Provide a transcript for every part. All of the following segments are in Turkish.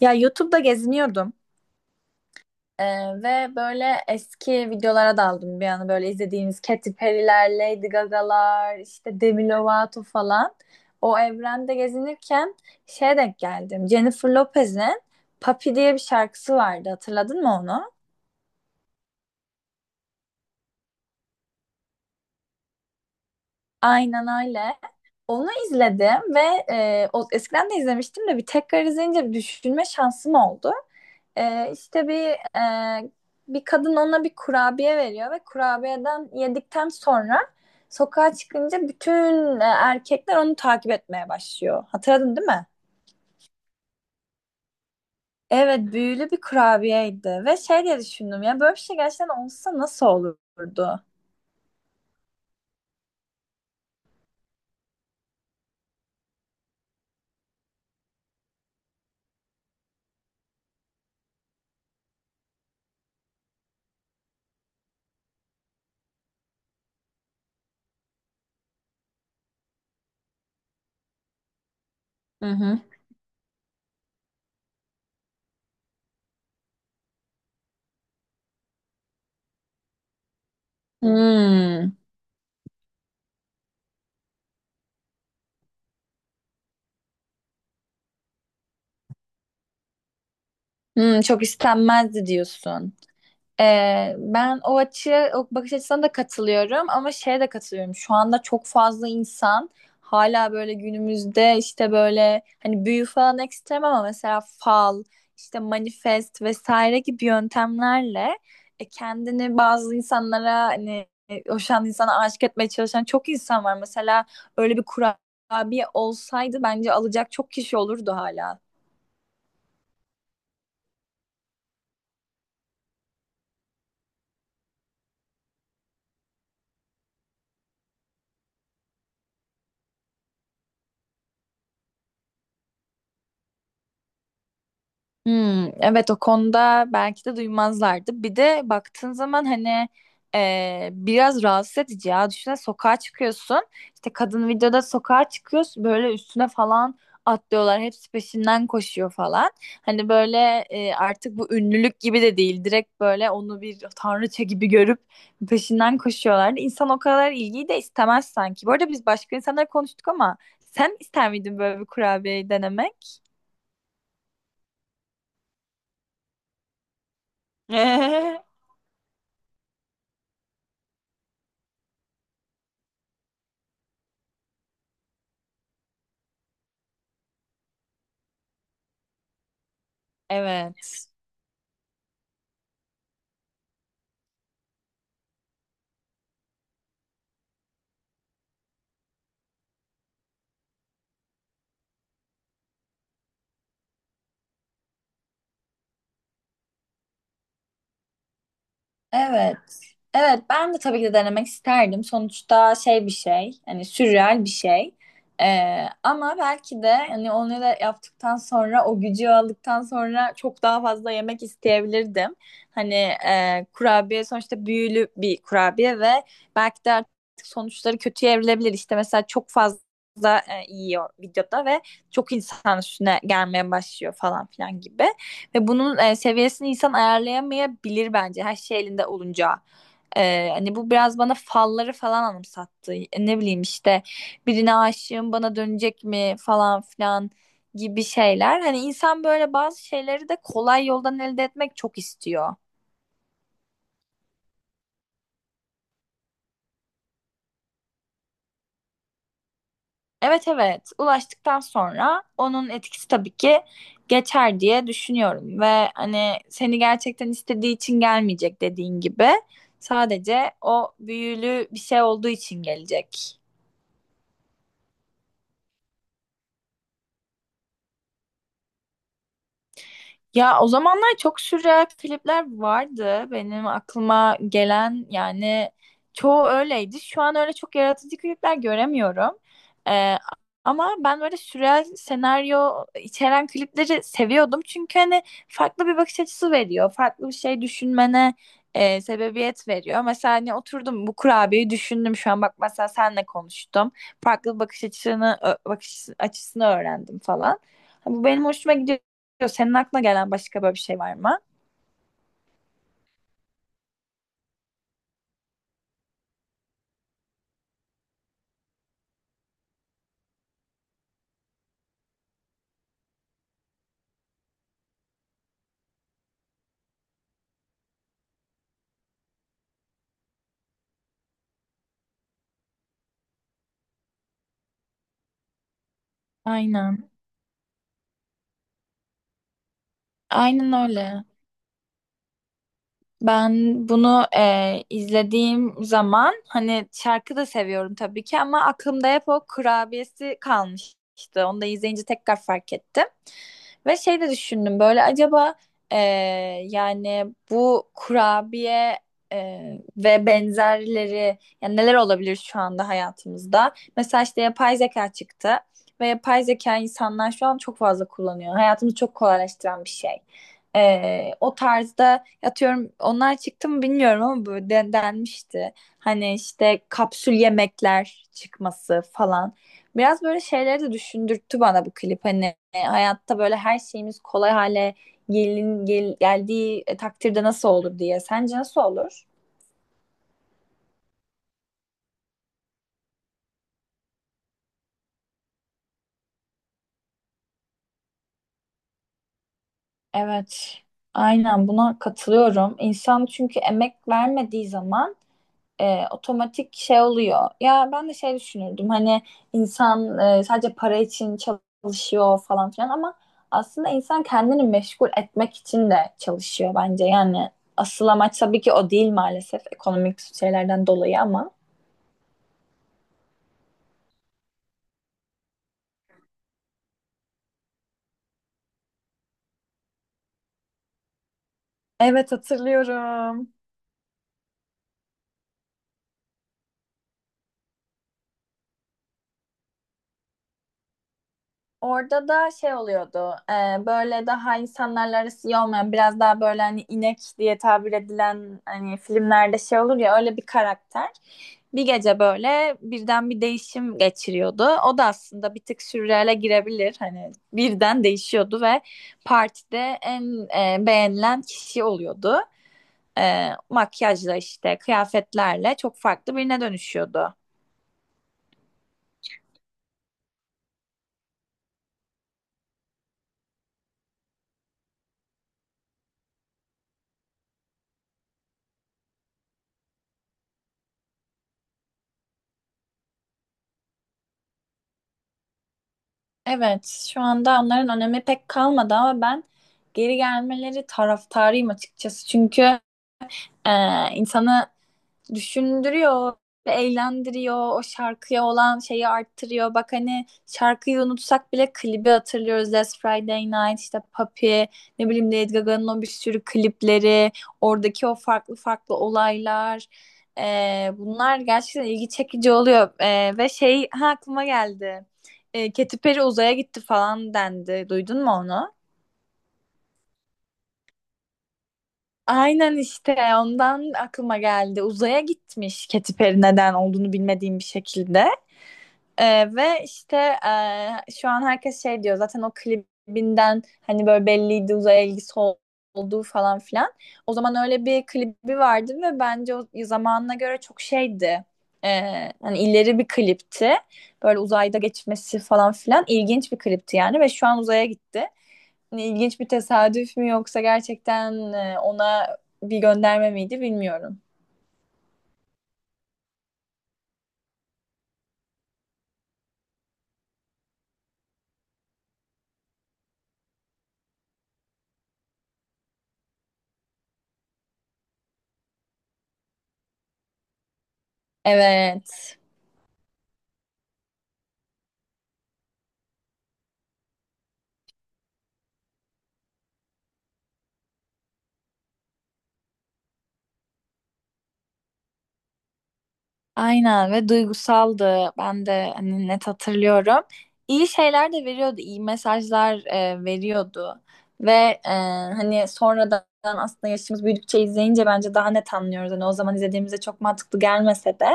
Ya YouTube'da geziniyordum. Ee, Ve böyle eski videolara daldım bir an, böyle izlediğimiz Katy Perry'ler, Lady Gaga'lar, işte Demi Lovato falan. O evrende gezinirken şeye denk geldim. Jennifer Lopez'in Papi diye bir şarkısı vardı. Hatırladın mı onu? Aynen öyle. Onu izledim ve eskiden de izlemiştim de bir tekrar izleyince düşünme şansım oldu. İşte bir e, bir kadın ona bir kurabiye veriyor ve kurabiyeden yedikten sonra sokağa çıkınca bütün erkekler onu takip etmeye başlıyor. Hatırladın değil mi? Evet, büyülü bir kurabiyeydi ve şey diye düşündüm: ya böyle bir şey gerçekten olsa nasıl olurdu? Hı hı. Hmm. Hmm, çok istenmezdi diyorsun. Ben o bakış açısına da katılıyorum ama şeye de katılıyorum. Şu anda çok fazla insan hala böyle günümüzde işte böyle hani büyü falan ekstrem ama mesela fal, işte manifest vesaire gibi yöntemlerle kendini bazı insanlara hani hoşan insana aşık etmeye çalışan çok insan var. Mesela öyle bir kurabiye olsaydı bence alacak çok kişi olurdu hala. Hmm, evet o konuda belki de duymazlardı. Bir de baktığın zaman hani biraz rahatsız edici ya. Düşünsene sokağa çıkıyorsun. İşte kadın videoda sokağa çıkıyorsun. Böyle üstüne falan atlıyorlar. Hepsi peşinden koşuyor falan. Hani böyle artık bu ünlülük gibi de değil. Direkt böyle onu bir tanrıça gibi görüp peşinden koşuyorlar. İnsan o kadar ilgiyi de istemez sanki. Bu arada biz başka insanlar konuştuk ama sen ister miydin böyle bir kurabiyeyi denemek? Evet. Evet. Evet, ben de tabii ki de denemek isterdim. Sonuçta şey bir şey. Hani sürreal bir şey. Ama belki de hani onu da yaptıktan sonra, o gücü aldıktan sonra çok daha fazla yemek isteyebilirdim. Hani kurabiye sonuçta büyülü bir kurabiye ve belki de artık sonuçları kötüye evrilebilir. İşte mesela çok fazla yiyor videoda ve çok insan üstüne gelmeye başlıyor falan filan gibi. Ve bunun seviyesini insan ayarlayamayabilir bence her şey elinde olunca. Hani bu biraz bana falları falan anımsattı. Ne bileyim işte birine aşığım, bana dönecek mi falan filan gibi şeyler. Hani insan böyle bazı şeyleri de kolay yoldan elde etmek çok istiyor. Evet, evet, ulaştıktan sonra onun etkisi tabii ki geçer diye düşünüyorum ve hani seni gerçekten istediği için gelmeyecek, dediğin gibi sadece o büyülü bir şey olduğu için gelecek. Ya o zamanlar çok sürreal klipler vardı. Benim aklıma gelen yani çoğu öyleydi. Şu an öyle çok yaratıcı klipler göremiyorum. Ee, Ama ben böyle sürreal senaryo içeren klipleri seviyordum. Çünkü hani farklı bir bakış açısı veriyor. Farklı bir şey düşünmene sebebiyet veriyor. Mesela hani oturdum bu kurabiyeyi düşündüm, şu an bak mesela senle konuştum. Farklı bakış açısını ö- bakış açısını öğrendim falan. Bu benim hoşuma gidiyor. Senin aklına gelen başka böyle bir şey var mı? Aynen. Aynen öyle. Ben bunu izlediğim zaman hani şarkı da seviyorum tabii ki ama aklımda hep o kurabiyesi kalmıştı. Onu da izleyince tekrar fark ettim. Ve şey de düşündüm, böyle acaba e, yani bu kurabiye e, ve benzerleri yani neler olabilir şu anda hayatımızda? Mesela işte yapay zeka çıktı ve yapay zeka insanlar şu an çok fazla kullanıyor. Hayatımızı çok kolaylaştıran bir şey. O tarzda, atıyorum, onlar çıktı mı bilmiyorum ama böyle denmişti. Hani işte kapsül yemekler çıkması falan. Biraz böyle şeyleri de düşündürttü bana bu klip. Hani hayatta böyle her şeyimiz kolay hale geldiği takdirde nasıl olur diye. Sence nasıl olur? Evet. Aynen, buna katılıyorum. İnsan çünkü emek vermediği zaman otomatik şey oluyor. Ya ben de şey düşünürdüm, hani insan sadece para için çalışıyor falan filan ama aslında insan kendini meşgul etmek için de çalışıyor bence. Yani asıl amaç tabii ki o değil, maalesef ekonomik şeylerden dolayı ama. Evet, hatırlıyorum. Orada da şey oluyordu. Böyle daha insanlarla arası iyi olmayan, biraz daha böyle hani inek diye tabir edilen, hani filmlerde şey olur ya, öyle bir karakter. Bir gece böyle birden bir değişim geçiriyordu. O da aslında bir tık sürreale girebilir. Hani birden değişiyordu ve partide en beğenilen kişi oluyordu. Makyajla, işte kıyafetlerle çok farklı birine dönüşüyordu. Evet, şu anda onların önemi pek kalmadı ama ben geri gelmeleri taraftarıyım açıkçası. Çünkü e, insanı düşündürüyor, eğlendiriyor, o şarkıya olan şeyi arttırıyor. Bak hani şarkıyı unutsak bile klibi hatırlıyoruz. Last Friday Night, işte Papi, ne bileyim Lady Gaga'nın o bir sürü klipleri, oradaki o farklı farklı olaylar. Bunlar gerçekten ilgi çekici oluyor. Ve şey, ha, aklıma geldi. Katy Perry uzaya gitti falan dendi. Duydun mu onu? Aynen, işte ondan aklıma geldi. Uzaya gitmiş Katy Perry, neden olduğunu bilmediğim bir şekilde. Ve işte şu an herkes şey diyor zaten, o klibinden hani böyle belliydi uzaya ilgisi olduğu falan filan. O zaman öyle bir klibi vardı ve bence o zamanına göre çok şeydi. Hani ileri bir klipti. Böyle uzayda geçmesi falan filan, ilginç bir klipti yani, ve şu an uzaya gitti. Hani ilginç bir tesadüf mü yoksa gerçekten ona bir gönderme miydi bilmiyorum. Evet. Aynen, ve duygusaldı. Ben de hani net hatırlıyorum. İyi şeyler de veriyordu, iyi mesajlar veriyordu. Ve e, hani sonradan aslında yaşımız büyüdükçe izleyince bence daha net anlıyoruz. Hani o zaman izlediğimizde çok mantıklı gelmese de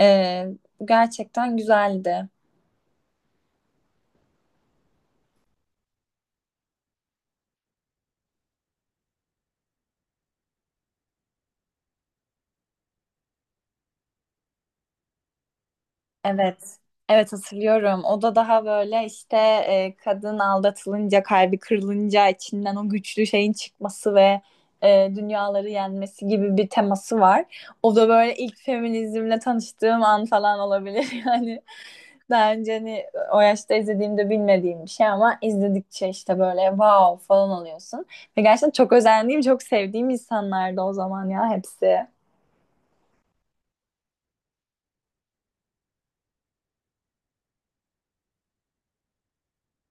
e, gerçekten güzeldi. Evet. Evet, hatırlıyorum. O da daha böyle işte kadın aldatılınca, kalbi kırılınca içinden o güçlü şeyin çıkması ve dünyaları yenmesi gibi bir teması var. O da böyle ilk feminizmle tanıştığım an falan olabilir. Yani daha önce hani o yaşta izlediğimde bilmediğim bir şey ama izledikçe işte böyle wow falan oluyorsun. Ve gerçekten çok özendiğim, çok sevdiğim insanlardı o zaman ya, hepsi.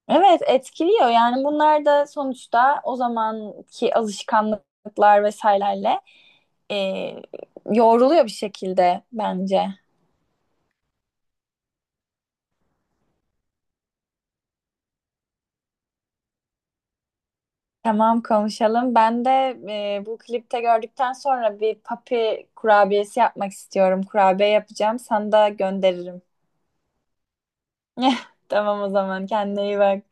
Evet, etkiliyor yani bunlar da, sonuçta o zamanki alışkanlıklar vesairelerle e, yoğruluyor bir şekilde bence. Tamam, konuşalım. Ben de bu klipte gördükten sonra bir papi kurabiyesi yapmak istiyorum. Kurabiye yapacağım. Sana da gönderirim. Tamam, o zaman kendine iyi bak.